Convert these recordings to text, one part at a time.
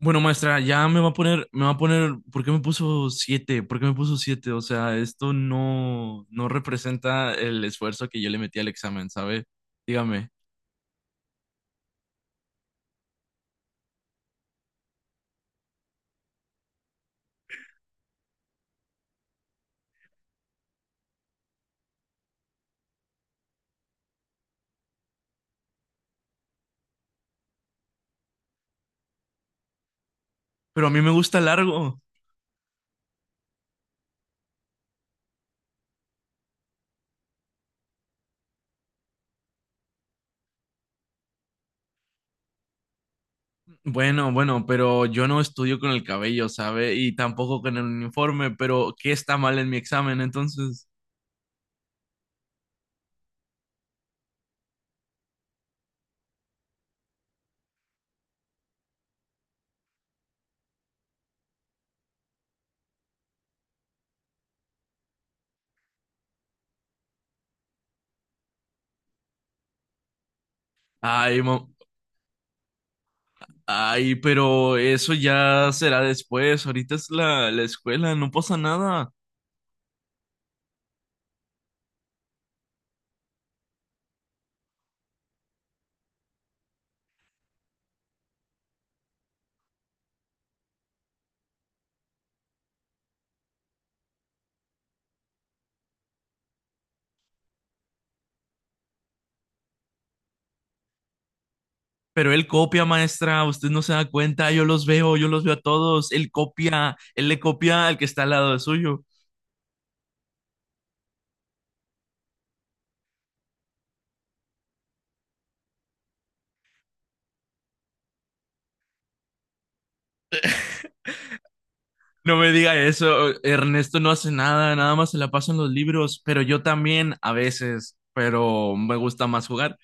Bueno, maestra, ya me va a poner, ¿por qué me puso siete? ¿Por qué me puso siete? O sea, esto no representa el esfuerzo que yo le metí al examen, ¿sabe? Dígame. Pero a mí me gusta largo. Bueno, bueno, pero yo no estudio con el cabello, ¿sabe? Y tampoco con el uniforme, pero ¿qué está mal en mi examen entonces? Ay, ma- ay, pero eso ya será después. Ahorita es la escuela, no pasa nada. Pero él copia, maestra, usted no se da cuenta, yo los veo a todos, él copia, él le copia al que está al lado de suyo. No me diga eso, Ernesto no hace nada, nada más se la pasa en los libros, pero yo también a veces, pero me gusta más jugar.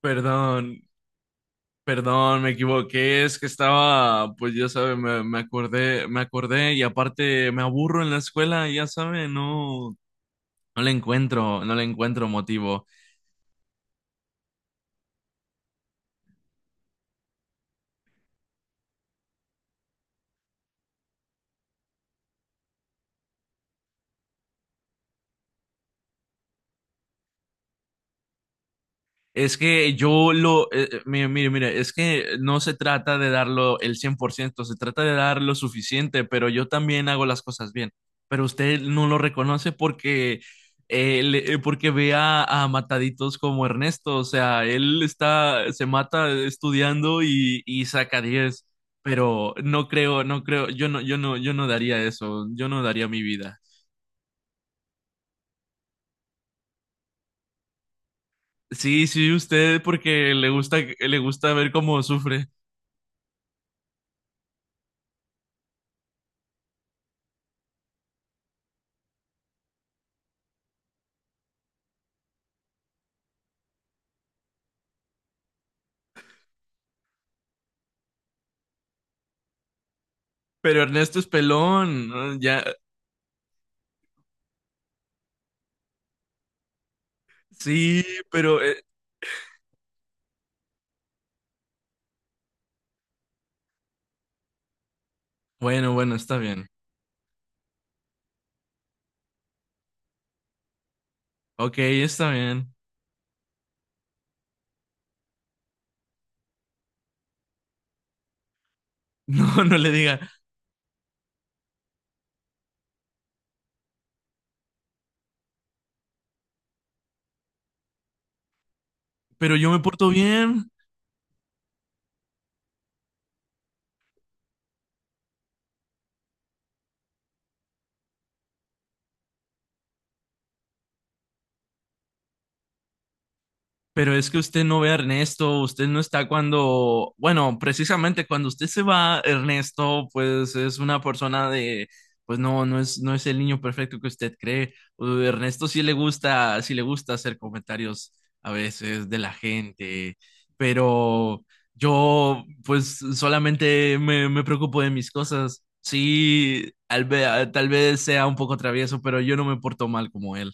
Perdón, perdón, me equivoqué, es que estaba, pues ya sabe, me acordé y aparte me aburro en la escuela, ya sabe, no le encuentro motivo. Es que mire, mire, mire, es que no se trata de darlo el 100%, se trata de dar lo suficiente, pero yo también hago las cosas bien. Pero usted no lo reconoce porque ve a mataditos como Ernesto, o sea, se mata estudiando y saca 10, pero no creo, yo no daría eso, yo no daría mi vida. Sí, sí, usted porque le gusta ver cómo sufre. Pero Ernesto es pelón, ¿no? Ya. Sí, pero bueno, bueno, está bien. Ok, está bien. No, no le diga, pero yo me porto bien. Pero es que usted no ve a Ernesto, usted no está cuando, bueno, precisamente cuando usted se va, Ernesto, pues es una persona de, pues no es el niño perfecto que usted cree. Ernesto sí le gusta hacer comentarios a veces de la gente, pero yo, pues solamente me preocupo de mis cosas. Sí, tal vez sea un poco travieso, pero yo no me porto mal como él.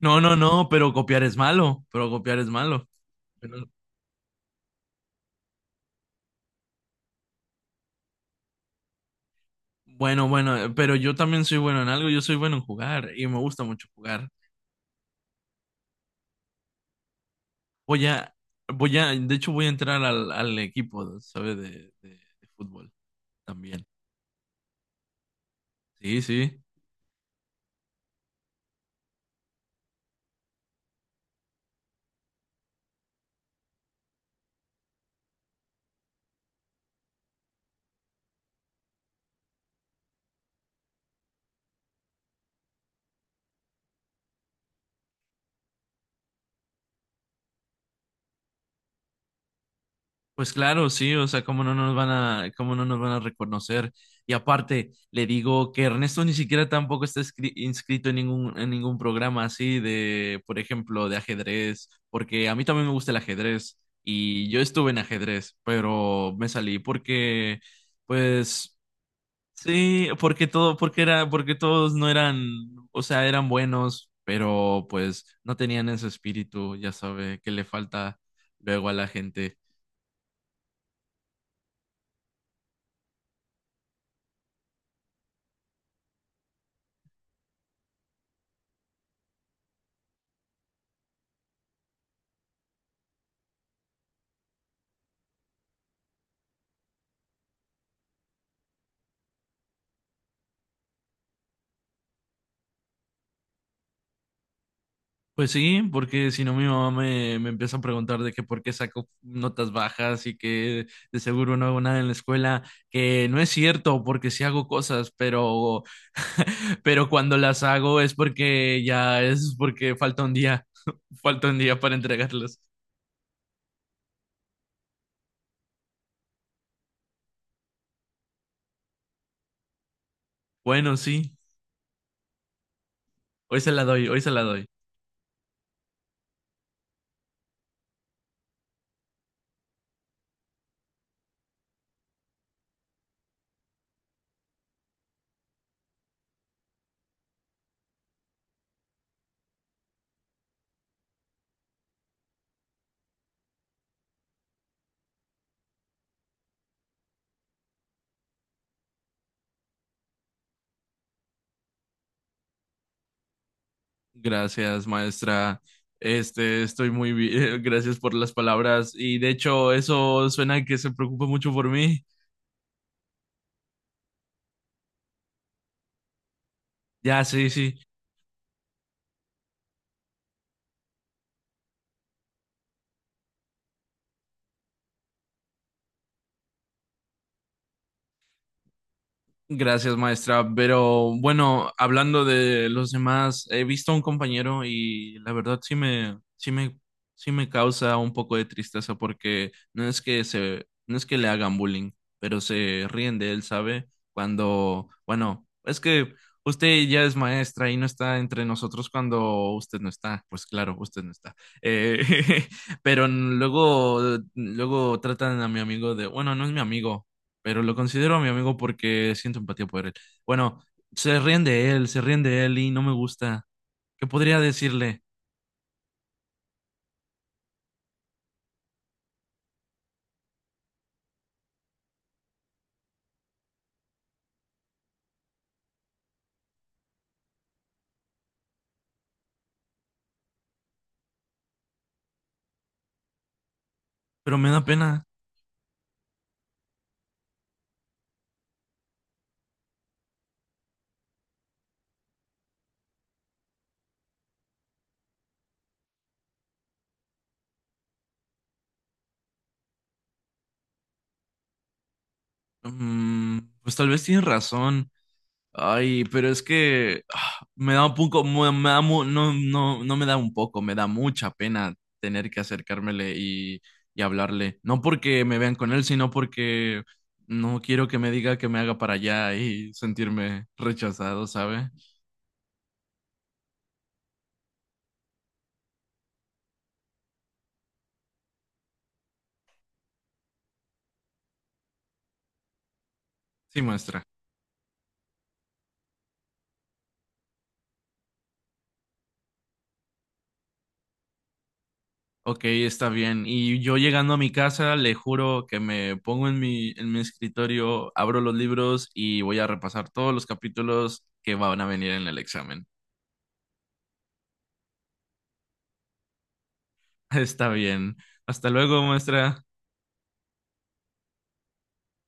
No, no, no, pero copiar es malo, pero copiar es malo. Pero- Bueno, bueno, pero yo también soy bueno en algo, yo soy bueno en jugar y me gusta mucho jugar. Voy a, de hecho voy a entrar al equipo, ¿sabes? De, de fútbol también. Sí, sí. Pues claro, sí, o sea, cómo no nos van a reconocer. Y aparte, le digo que Ernesto ni siquiera tampoco está inscrito en ningún programa así de, por ejemplo, de ajedrez, porque a mí también me gusta el ajedrez y yo estuve en ajedrez, pero me salí pues, sí, porque todos no eran, o sea, eran buenos, pero pues no tenían ese espíritu, ya sabe, que le falta luego a la gente. Pues sí, porque si no mi mamá me empieza a preguntar de que por qué saco notas bajas y que de seguro no hago nada en la escuela, que no es cierto porque sí hago cosas, pero, pero cuando las hago es porque ya es porque falta un día, falta un día para entregarlas. Bueno, sí, hoy se la doy, hoy se la doy. Gracias, maestra. Estoy muy bien, gracias por las palabras y de hecho eso suena que se preocupa mucho por mí. Ya, sí, sí. Gracias, maestra. Pero bueno, hablando de los demás, he visto a un compañero y la verdad sí me causa un poco de tristeza porque no es que le hagan bullying, pero se ríen de él, ¿sabe? Cuando, bueno, es que usted ya es maestra y no está entre nosotros cuando usted no está. Pues claro, usted no está. Eh, pero luego tratan a mi amigo de, bueno, no es mi amigo pero lo considero mi amigo porque siento empatía por él. Bueno, se ríen de él, se ríen de él y no me gusta. ¿Qué podría decirle? Pero me da pena. Mm, pues tal vez tiene razón. Ay, pero es que me da un poco, me da mu- no, no, no me da un poco, me da mucha pena tener que acercármele y hablarle. No porque me vean con él, sino porque no quiero que me diga que me haga para allá y sentirme rechazado, ¿sabe? Sí, muestra. Ok, está bien. Y yo llegando a mi casa, le juro que me pongo en mi escritorio, abro los libros y voy a repasar todos los capítulos que van a venir en el examen. Está bien. Hasta luego, maestra.